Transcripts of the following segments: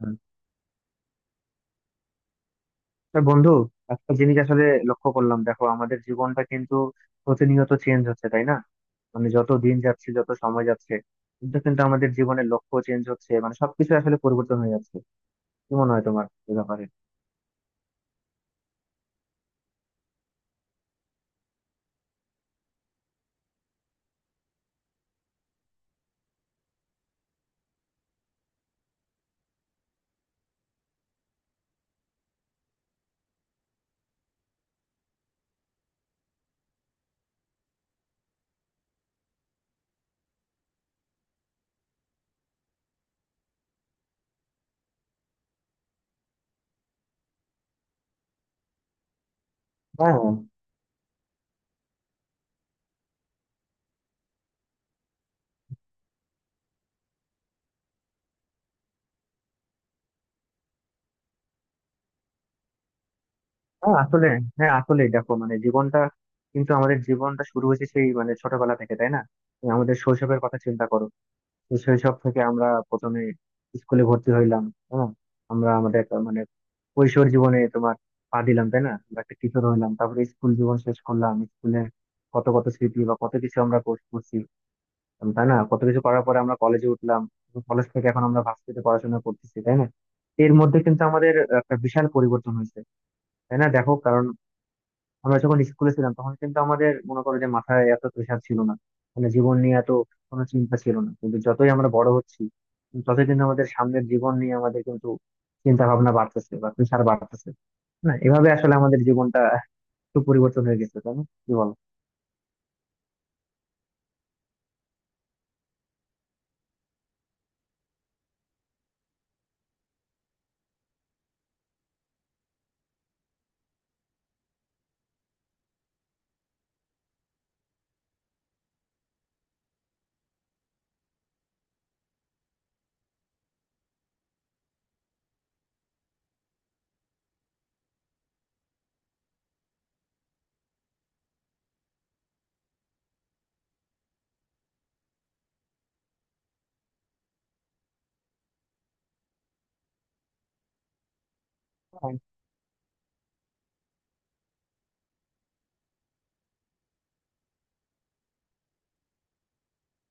হুম। তা বন্ধু, একটা জিনিস আসলে লক্ষ্য করলাম। দেখো, আমাদের জীবনটা কিন্তু প্রতিনিয়ত চেঞ্জ হচ্ছে, তাই না? মানে যত দিন যাচ্ছে, যত সময় যাচ্ছে, কিন্তু কিন্তু আমাদের জীবনের লক্ষ্য চেঞ্জ হচ্ছে, মানে সবকিছু আসলে পরিবর্তন হয়ে যাচ্ছে। কি মনে হয় তোমার এ ব্যাপারে? হ্যাঁ। হ্যাঁ আসলে হ্যাঁ আসলে দেখো, মানে জীবনটা কিন্তু, আমাদের জীবনটা শুরু হয়েছে সেই মানে ছোটবেলা থেকে, তাই না? আমাদের শৈশবের কথা চিন্তা করো। তো শৈশব থেকে আমরা প্রথমে স্কুলে ভর্তি হইলাম। হ্যাঁ, আমাদের একটা মানে কৈশোর জীবনে তোমার পা দিলাম, তাই না? আমরা একটা কিশোর হইলাম, তারপরে স্কুল জীবন শেষ করলাম। স্কুলে কত কত স্মৃতি বা কত কিছু আমরা করছি, তাই না? কত কিছু করার পরে আমরা কলেজে উঠলাম। কলেজ থেকে এখন আমরা ভার্সিটিতে পড়াশোনা করতেছি, তাই না? এর মধ্যে কিন্তু আমাদের একটা বিশাল পরিবর্তন হয়েছে, তাই না? দেখো, কারণ আমরা যখন স্কুলে ছিলাম তখন কিন্তু আমাদের, মনে করো যে, মাথায় এত প্রেশার ছিল না। মানে জীবন নিয়ে এত কোনো চিন্তা ছিল না, কিন্তু যতই আমরা বড় হচ্ছি ততই কিন্তু আমাদের সামনের জীবন নিয়ে আমাদের কিন্তু চিন্তা ভাবনা বাড়তেছে বা প্রেশার বাড়তেছে। না, এভাবে আসলে আমাদের জীবনটা একটু পরিবর্তন হয়ে গেছে, তাই না? কি বলো?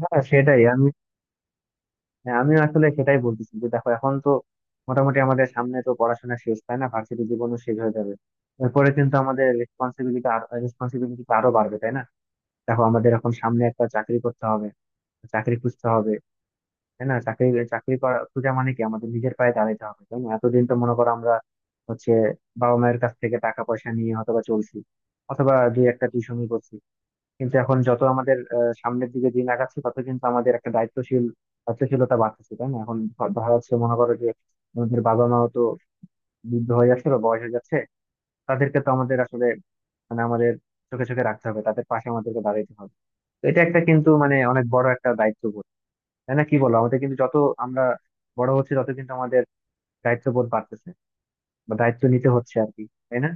হ্যাঁ সেটাই আমি, হ্যাঁ, আমিও আসলে সেটাই বলতেছি যে, দেখো এখন তো মোটামুটি আমাদের সামনে তো পড়াশোনা শেষ, তাই না? ভার্সিটি জীবনও শেষ হয়ে যাবে। এরপরে কিন্তু আমাদের রেসপন্সিবিলিটি রেসপন্সিবিলিটি আরো responsibility টা আরো বাড়বে, তাই না? দেখো, আমাদের এখন সামনে একটা চাকরি করতে হবে, চাকরি খুঁজতে হবে, তাই না? চাকরি, খোঁজা মানে কি আমাদের নিজের পায়ে দাঁড়াতে হবে, তাই না? এতদিন তো মনে করো আমরা হচ্ছে বাবা মায়ের কাছ থেকে টাকা পয়সা নিয়ে অথবা চলছি, অথবা দুই একটা টিউশনই করছি। কিন্তু এখন যত আমাদের সামনের দিকে দিন আগাচ্ছে, তত কিন্তু আমাদের একটা দায়িত্বশীল, দায়িত্বশীলতা বাড়তেছে, তাই না? এখন ধরা যাচ্ছে, মনে করো যে, আমাদের বাবা মাও তো বৃদ্ধ হয়ে যাচ্ছে বা বয়স হয়ে যাচ্ছে। তাদেরকে তো আমাদের আসলে, মানে আমাদের চোখে চোখে রাখতে হবে, তাদের পাশে আমাদেরকে দাঁড়াতে হবে। তো এটা একটা কিন্তু মানে অনেক বড় একটা দায়িত্ববোধ, তাই না? কি বলো? আমাদের কিন্তু যত আমরা বড় হচ্ছে তত কিন্তু আমাদের দায়িত্ববোধ বাড়তেছে বা দায়িত্ব নিতে হচ্ছে আর কি, তাই না?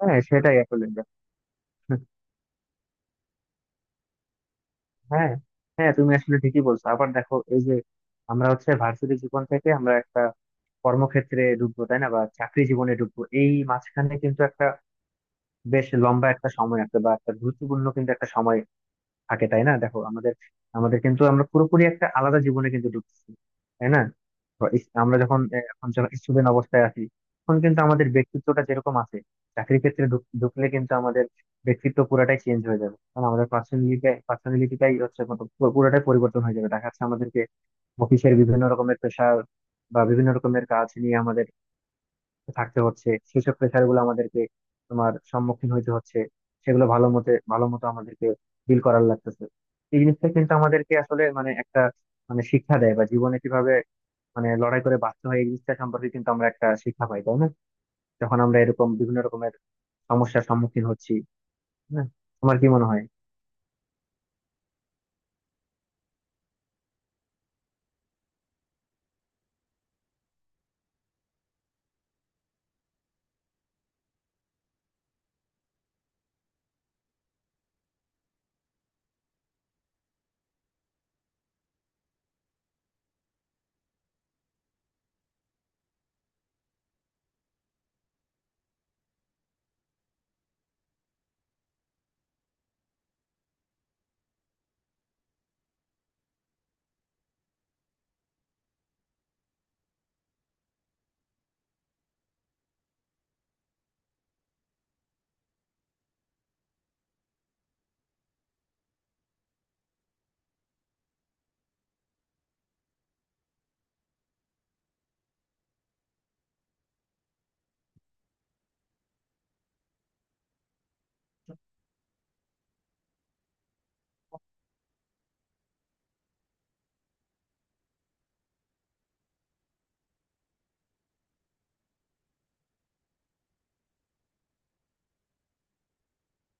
হ্যাঁ সেটাই আসলে ব্যাপার। হ্যাঁ, হ্যাঁ তুমি আসলে ঠিকই বলছো। আবার দেখো, এই যে আমরা হচ্ছে ভার্সিটি জীবন থেকে আমরা একটা কর্মক্ষেত্রে ঢুকবো, তাই না? বা চাকরি জীবনে ঢুকবো, এই মাঝখানে কিন্তু একটা বেশ লম্বা একটা সময় আছে বা একটা গুরুত্বপূর্ণ কিন্তু একটা সময় থাকে, তাই না? দেখো, আমাদের আমাদের কিন্তু আমরা পুরোপুরি একটা আলাদা জীবনে কিন্তু ঢুকছি, তাই না? তো আমরা যখন এখন যখন স্টুডেন্ট অবস্থায় আছি তখন কিন্তু আমাদের ব্যক্তিত্বটা যেরকম আছে, চাকরির ক্ষেত্রে ঢুকলে কিন্তু আমাদের ব্যক্তিত্ব পুরাটাই চেঞ্জ হয়ে যাবে। কারণ আমাদের পার্সোনালিটিটাই হচ্ছে পুরোটাই পরিবর্তন হয়ে যাবে। দেখা যাচ্ছে আমাদেরকে অফিসের বিভিন্ন রকমের প্রেশার বা বিভিন্ন রকমের কাজ নিয়ে আমাদের থাকতে হচ্ছে, সেসব প্রেশার গুলো আমাদেরকে, তোমার সম্মুখীন হইতে হচ্ছে, সেগুলো ভালো মতো আমাদেরকে ডিল করার লাগতেছে। এই জিনিসটা কিন্তু আমাদেরকে আসলে মানে একটা, মানে শিক্ষা দেয় বা জীবনে কিভাবে মানে লড়াই করে বাঁচতে হয় এই জিনিসটা সম্পর্কে কিন্তু আমরা একটা শিক্ষা পাই, তাই না? যখন আমরা এরকম বিভিন্ন রকমের সমস্যার সম্মুখীন হচ্ছি। হ্যাঁ, তোমার কি মনে হয়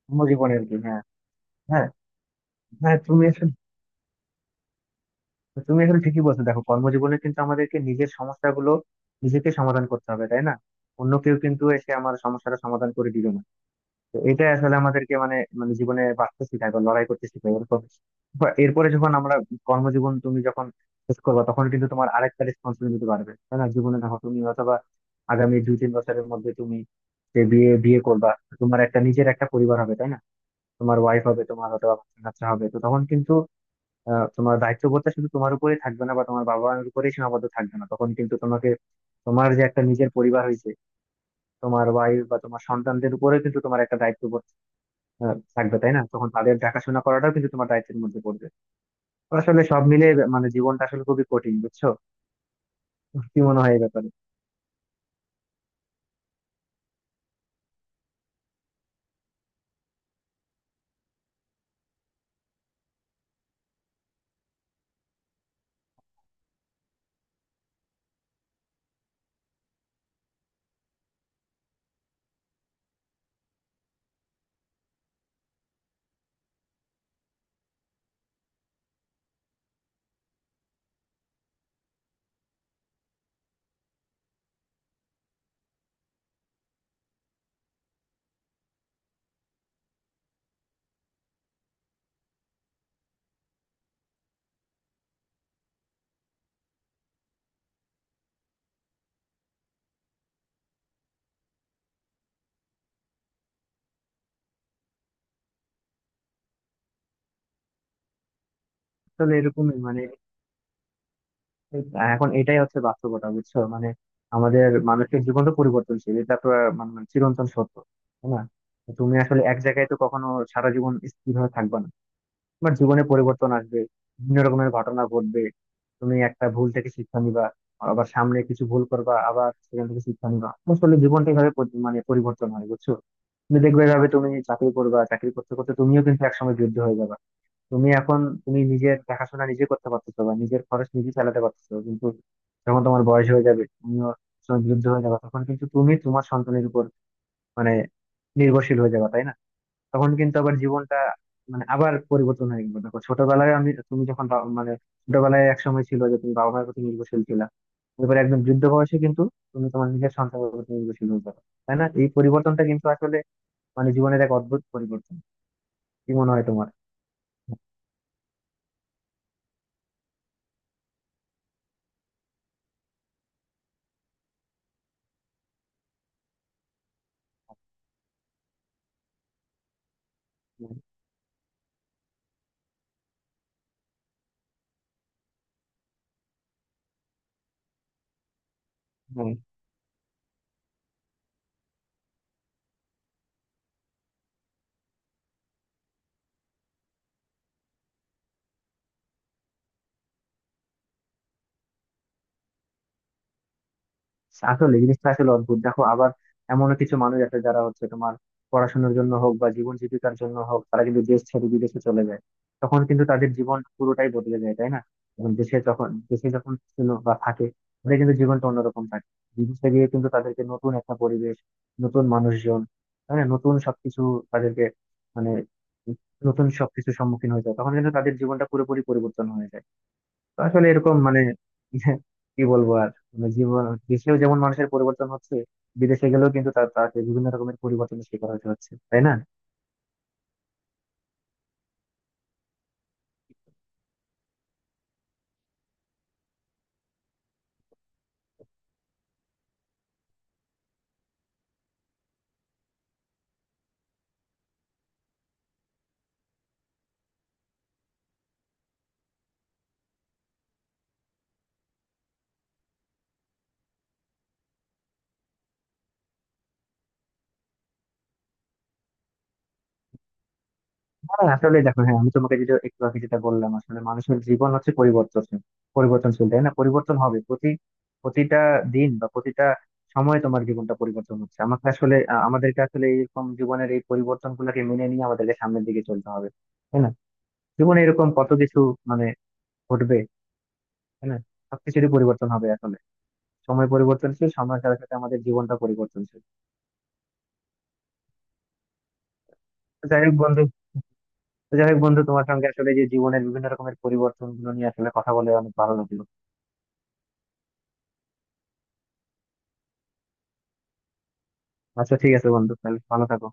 তোমার জীবনে আর কি? হ্যাঁ। হ্যাঁ হ্যাঁ তুমি আসলে ঠিকই বলছো। দেখো, কর্মজীবনে কিন্তু আমাদেরকে নিজের সমস্যাগুলো নিজেকে সমাধান করতে হবে, তাই না? অন্য কেউ কিন্তু এসে আমার সমস্যাটা সমাধান করে দিবে না। তো এটা আসলে আমাদেরকে মানে মানে জীবনে বাঁচতে শেখায় বা লড়াই করতে শেখায়। এরপর বা এরপরে যখন আমরা কর্মজীবন, তুমি যখন শেষ করবা তখন কিন্তু তোমার আরেকটা রেসপন্সিবিলিটি বাড়বে, তাই না? জীবনে, দেখো, তুমি অথবা আগামী দুই তিন বছরের মধ্যে তুমি যে বিয়ে বিয়ে করবা, তোমার একটা নিজের একটা পরিবার হবে, তাই না? তোমার ওয়াইফ হবে তোমার, অথবা বাচ্চা কাচ্চা হবে। তো তখন কিন্তু তোমার দায়িত্ববোধটা শুধু তোমার উপরেই থাকবে না বা তোমার বাবা মায়ের উপরেই সীমাবদ্ধ থাকবে না। তখন কিন্তু তোমাকে, তোমার যে একটা নিজের পরিবার হয়েছে, তোমার ওয়াইফ বা তোমার সন্তানদের উপরেও কিন্তু তোমার একটা দায়িত্ববোধ থাকবে, তাই না? তখন তাদের দেখাশোনা করাটাও কিন্তু তোমার দায়িত্বের মধ্যে পড়বে। তো আসলে সব মিলে মানে জীবনটা আসলে খুবই কঠিন, বুঝছো? কি মনে হয় এই ব্যাপারে? আসলে এরকমই মানে এখন এটাই হচ্ছে বাস্তবতা, বুঝছো? মানে আমাদের মানুষের জীবন তো পরিবর্তনশীল, এটা তো মানে চিরন্তন সত্য, তাই না? তুমি আসলে এক জায়গায় তো কখনো সারা জীবন স্থির হয়ে থাকবে না। তোমার জীবনে পরিবর্তন আসবে, বিভিন্ন রকমের ঘটনা ঘটবে, তুমি একটা ভুল থেকে শিক্ষা নিবা, আবার সামনে কিছু ভুল করবা, আবার সেখান থেকে শিক্ষা নিবা। আসলে জীবনটা এইভাবে মানে পরিবর্তন হয়, বুঝছো? তুমি দেখবে এভাবে তুমি চাকরি করবা, চাকরি করতে করতে তুমিও কিন্তু একসময় যুদ্ধ হয়ে যাবে। তুমি এখন, তুমি নিজের দেখাশোনা নিজে করতে পারতেছো বা নিজের খরচ নিজে চালাতে পারতেছো, কিন্তু যখন তোমার বয়স হয়ে যাবে, তুমিও যখন যুদ্ধ হয়ে যাবে, তখন কিন্তু তুমি তোমার সন্তানের উপর মানে নির্ভরশীল হয়ে যাবে, তাই না? তখন কিন্তু আবার জীবনটা মানে আবার পরিবর্তন হয়ে গেল। দেখো, ছোটবেলায় আমি তুমি যখন মানে ছোটবেলায় এক সময় ছিল যে তুমি বাবা মায়ের প্রতি নির্ভরশীল ছিলা, এবারে একদম যুদ্ধ বয়সে কিন্তু তুমি তোমার নিজের সন্তানের প্রতি নির্ভরশীল হয়ে যাবে, তাই না? এই পরিবর্তনটা কিন্তু আসলে মানে জীবনের এক অদ্ভুত পরিবর্তন। কি মনে হয় তোমার? হ্যাঁ। আসলে জিনিসটা আসলে অদ্ভুত। দেখো, আবার এমনও কিছু মানুষ আছে যারা হচ্ছে তোমার পড়াশোনার জন্য হোক বা জীবন জীবিকার জন্য হোক, তারা কিন্তু দেশ ছেড়ে বিদেশে চলে যায়। তখন কিন্তু তাদের জীবন পুরোটাই বদলে যায়, তাই না? এবং দেশে যখন ছিল বা থাকে, ওদের কিন্তু জীবনটা অন্যরকম থাকে। বিদেশে গিয়ে কিন্তু তাদেরকে নতুন একটা পরিবেশ, নতুন মানুষজন, তাই না, নতুন সবকিছু তাদেরকে মানে নতুন সবকিছুর সম্মুখীন হয়ে যায়। তখন কিন্তু তাদের জীবনটা পুরোপুরি পরিবর্তন হয়ে যায়। তো আসলে এরকম মানে কি বলবো আর, মানে জীবন দেশেও যেমন মানুষের পরিবর্তন হচ্ছে, বিদেশে গেলেও কিন্তু তাকে বিভিন্ন রকমের পরিবর্তনের শিকার হতে হচ্ছে, তাই না? হ্যাঁ আসলে দেখো, হ্যাঁ আমি তোমাকে একটু আগে যেটা বললাম, আসলে মানুষের জীবন হচ্ছে পরিবর্তনশীল, পরিবর্তনশীল, তাই না? পরিবর্তন হবে প্রতিটা দিন বা প্রতিটা সময়ে তোমার জীবনটা পরিবর্তন হচ্ছে। আমাকে আসলে আমাদেরকে আসলে এরকম জীবনের এই পরিবর্তন গুলাকে মেনে নিয়ে আমাদেরকে সামনের দিকে চলতে হবে, তাই না? জীবনে এরকম কত কিছু মানে ঘটবে, তাই না? সবকিছুরই পরিবর্তন হবে আসলে। সময় পরিবর্তনশীল, সময়ের সাথে সাথে আমাদের জীবনটা পরিবর্তনশীল। তো যাই হোক বন্ধু, তোমার সঙ্গে আসলে যে জীবনের বিভিন্ন রকমের পরিবর্তন গুলো নিয়ে আসলে কথা বলে অনেক ভালো লাগলো। আচ্ছা ঠিক আছে বন্ধু, তাহলে ভালো থাকো।